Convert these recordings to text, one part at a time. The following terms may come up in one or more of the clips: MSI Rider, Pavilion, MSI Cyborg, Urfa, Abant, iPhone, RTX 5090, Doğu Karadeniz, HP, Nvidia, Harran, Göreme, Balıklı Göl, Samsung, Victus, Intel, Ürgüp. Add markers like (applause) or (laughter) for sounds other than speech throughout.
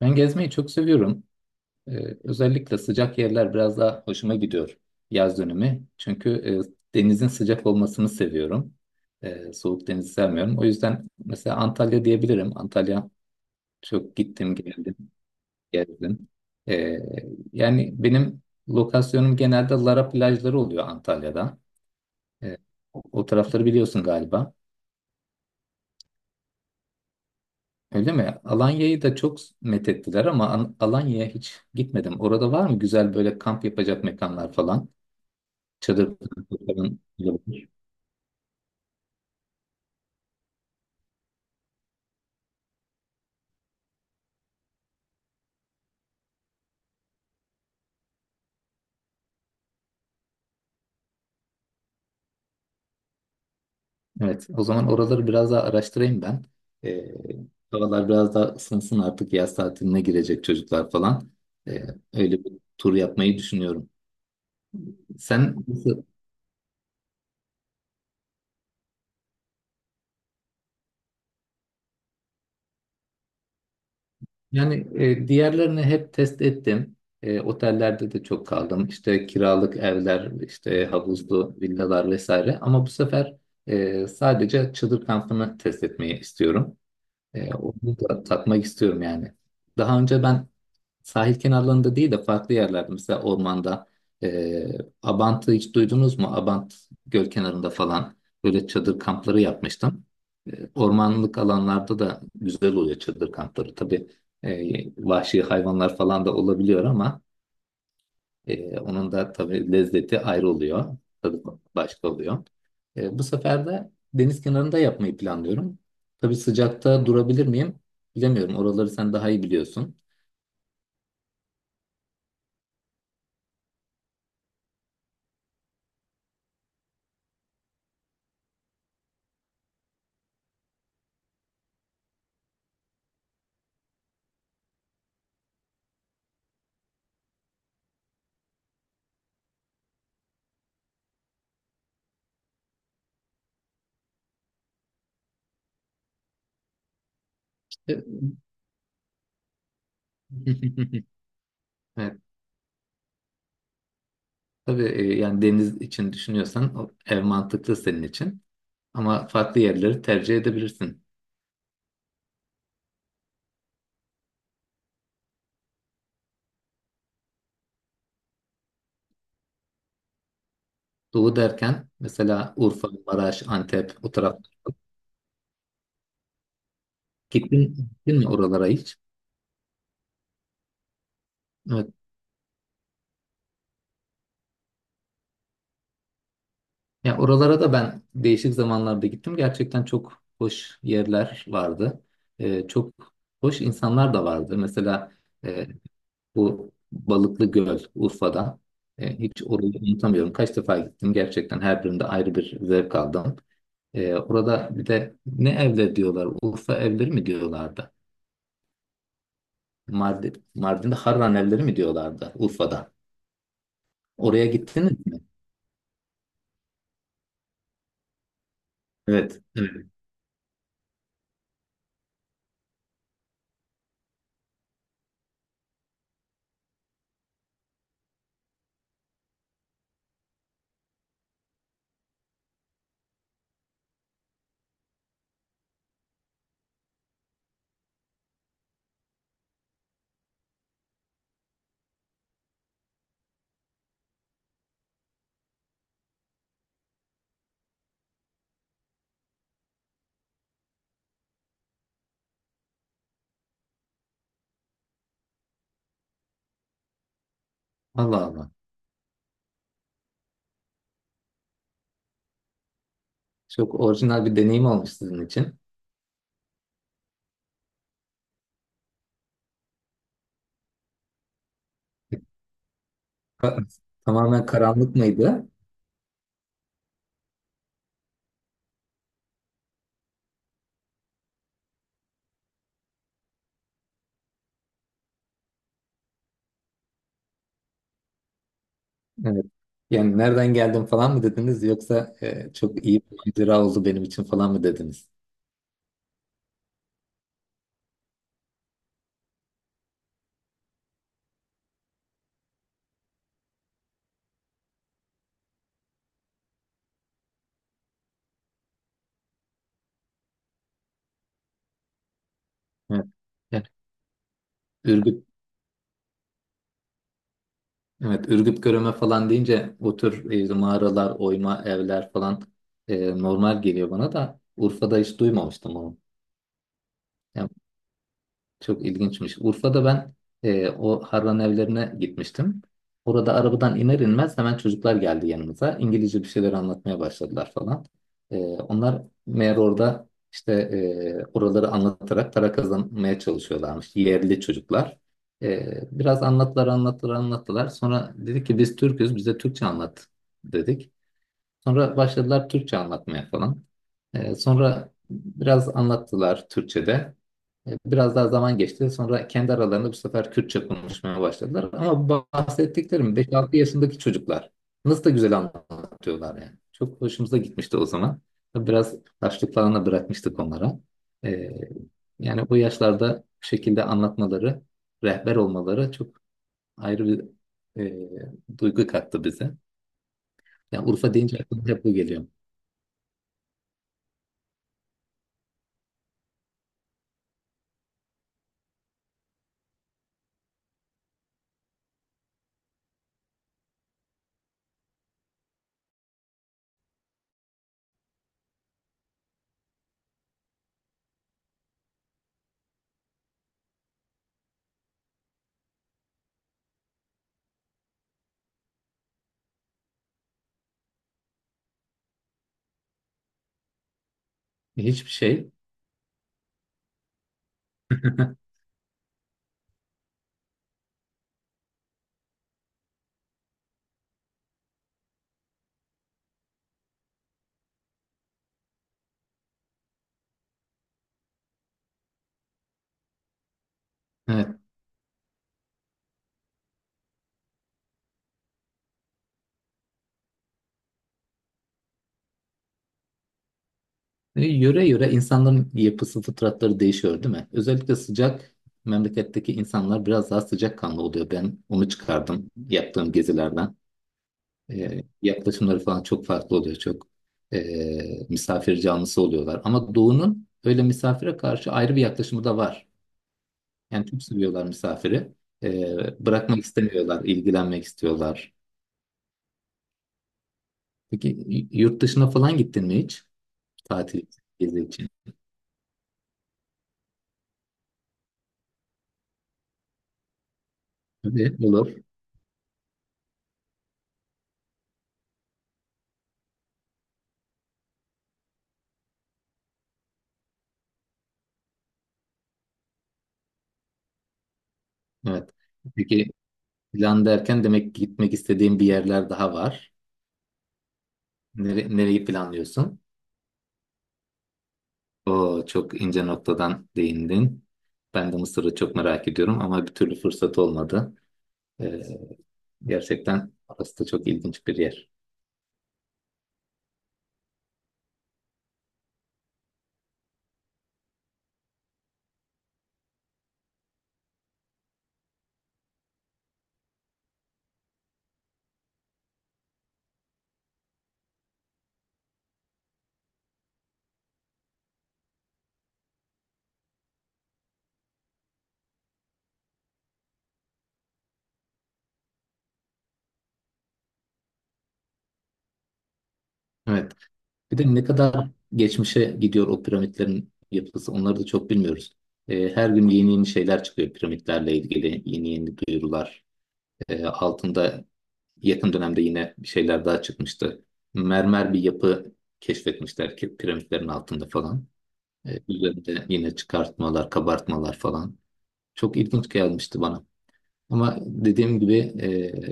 Ben gezmeyi çok seviyorum. Özellikle sıcak yerler biraz daha hoşuma gidiyor yaz dönemi. Çünkü denizin sıcak olmasını seviyorum. Soğuk denizi sevmiyorum. O yüzden mesela Antalya diyebilirim. Antalya çok gittim geldim gezdim. Ee, Yani benim lokasyonum genelde Lara plajları oluyor Antalya'da. Ee, o tarafları biliyorsun galiba. Öyle mi? Alanya'yı da çok methettiler ama Alanya'ya hiç gitmedim. Orada var mı güzel böyle kamp yapacak mekanlar falan? Çadır falan olabilir. Evet, o zaman oraları biraz daha araştırayım ben. Ee, Havalar biraz daha ısınsın artık yaz tatiline girecek çocuklar falan. Ee, Öyle bir tur yapmayı düşünüyorum. Sen nasıl- yani diğerlerini hep test ettim. E, otellerde de çok kaldım. İşte kiralık evler, işte havuzlu villalar vesaire. Ama bu sefer sadece çadır kampını test etmeyi istiyorum. Onu da tatmak istiyorum yani. Daha önce ben sahil kenarlarında değil de farklı yerlerde, mesela ormanda. e, Abant'ı hiç duydunuz mu? Abant göl kenarında falan böyle çadır kampları yapmıştım. Ormanlık alanlarda da güzel oluyor çadır kampları. Tabii vahşi hayvanlar falan da olabiliyor, ama onun da tabii lezzeti ayrı oluyor. Tadı başka oluyor. Bu sefer de deniz kenarında yapmayı planlıyorum. Tabii sıcakta durabilir miyim? Bilemiyorum. Oraları sen daha iyi biliyorsun. E, (laughs) Evet, tabii, yani deniz için düşünüyorsan o ev mantıklı senin için. Ama farklı yerleri tercih edebilirsin. Doğu derken mesela Urfa, Maraş, Antep o taraf. Gittin, gittin mi oralara hiç? Evet. Ya oralara da ben değişik zamanlarda gittim. Gerçekten çok hoş yerler vardı. Çok hoş insanlar da vardı. Mesela e, bu Balıklı Göl, Urfa'da. Hiç orayı unutamıyorum. Kaç defa gittim, gerçekten her birinde ayrı bir zevk aldım. Orada bir de ne evleri diyorlar? Urfa evleri mi diyorlardı? Mardin, Mardin'de Harran evleri mi diyorlardı Urfa'da? Oraya gittiniz mi? Evet. Evet. Allah Allah. Çok orijinal bir deneyim olmuş sizin için. Ka- Tamamen karanlık mıydı? Evet. Yani nereden geldim falan mı dediniz, yoksa çok iyi bir macera oldu benim için falan mı dediniz? Evet. Yani Ürgüp Evet, Ürgüp Göreme falan deyince bu tür, işte mağaralar, oyma evler falan normal geliyor, bana da Urfa'da hiç duymamıştım onu. Yani çok ilginçmiş. Urfa'da ben o Harran evlerine gitmiştim. Orada arabadan iner inmez hemen çocuklar geldi yanımıza. İngilizce bir şeyler anlatmaya başladılar falan. Onlar meğer orada işte oraları anlatarak para kazanmaya çalışıyorlarmış. Yerli çocuklar. E, Biraz anlattılar anlattılar anlattılar. Sonra dedik ki biz Türk'üz, bize Türkçe anlat dedik. Sonra başladılar Türkçe anlatmaya falan. Sonra biraz anlattılar Türkçe'de. Biraz daha zaman geçti. Sonra kendi aralarında bu sefer Kürtçe konuşmaya başladılar. Ama bu bahsettiklerim 5-6 yaşındaki çocuklar. Nasıl da güzel anlatıyorlar yani. Çok hoşumuza gitmişti o zaman. Biraz taşlık falan da bırakmıştık onlara. Ee, Yani bu yaşlarda bu şekilde anlatmaları, rehber olmaları çok ayrı bir duygu kattı bize. Yani Urfa deyince aklıma hep bu geliyor. Hiçbir şey. (laughs) Evet. Yöre yöre insanların yapısı, fıtratları değişiyor, değil mi? Özellikle sıcak memleketteki insanlar biraz daha sıcakkanlı oluyor. Ben onu çıkardım yaptığım gezilerden. Yaklaşımları falan çok farklı oluyor. Çok misafir canlısı oluyorlar. Ama Doğu'nun öyle misafire karşı ayrı bir yaklaşımı da var. Yani çok seviyorlar misafiri. Bırakmak istemiyorlar, ilgilenmek istiyorlar. Peki yurt dışına falan gittin mi hiç? Tatil, gezi için. Tabii, olur. Evet. Peki, plan derken demek ki gitmek istediğim bir yerler daha var. Nereyi planlıyorsun? O çok ince noktadan değindin. Ben de Mısır'ı çok merak ediyorum ama bir türlü fırsat olmadı. Ee, Gerçekten orası da çok ilginç bir yer. Evet. Bir de ne kadar geçmişe gidiyor o piramitlerin yapısı, onları da çok bilmiyoruz. Her gün yeni yeni şeyler çıkıyor piramitlerle ilgili. Yeni yeni duyurular. Altında yakın dönemde yine bir şeyler daha çıkmıştı. Mermer bir yapı keşfetmişler ki piramitlerin altında falan. Üzerinde yine çıkartmalar, kabartmalar falan. Çok ilginç gelmişti bana. Ama dediğim gibi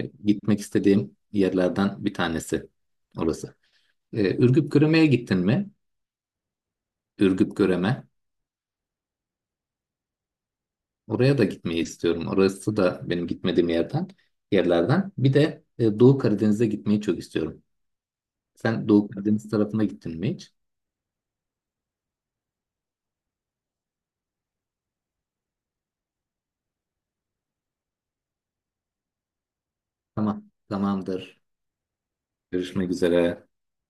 gitmek istediğim yerlerden bir tanesi orası. Ürgüp Göreme'ye gittin mi? Ürgüp Göreme. Oraya da gitmeyi istiyorum. Orası da benim gitmediğim yerden, yerlerden. Bir de Doğu Karadeniz'e gitmeyi çok istiyorum. Sen Doğu Karadeniz tarafına gittin mi hiç? Tamam, tamamdır. Görüşmek üzere.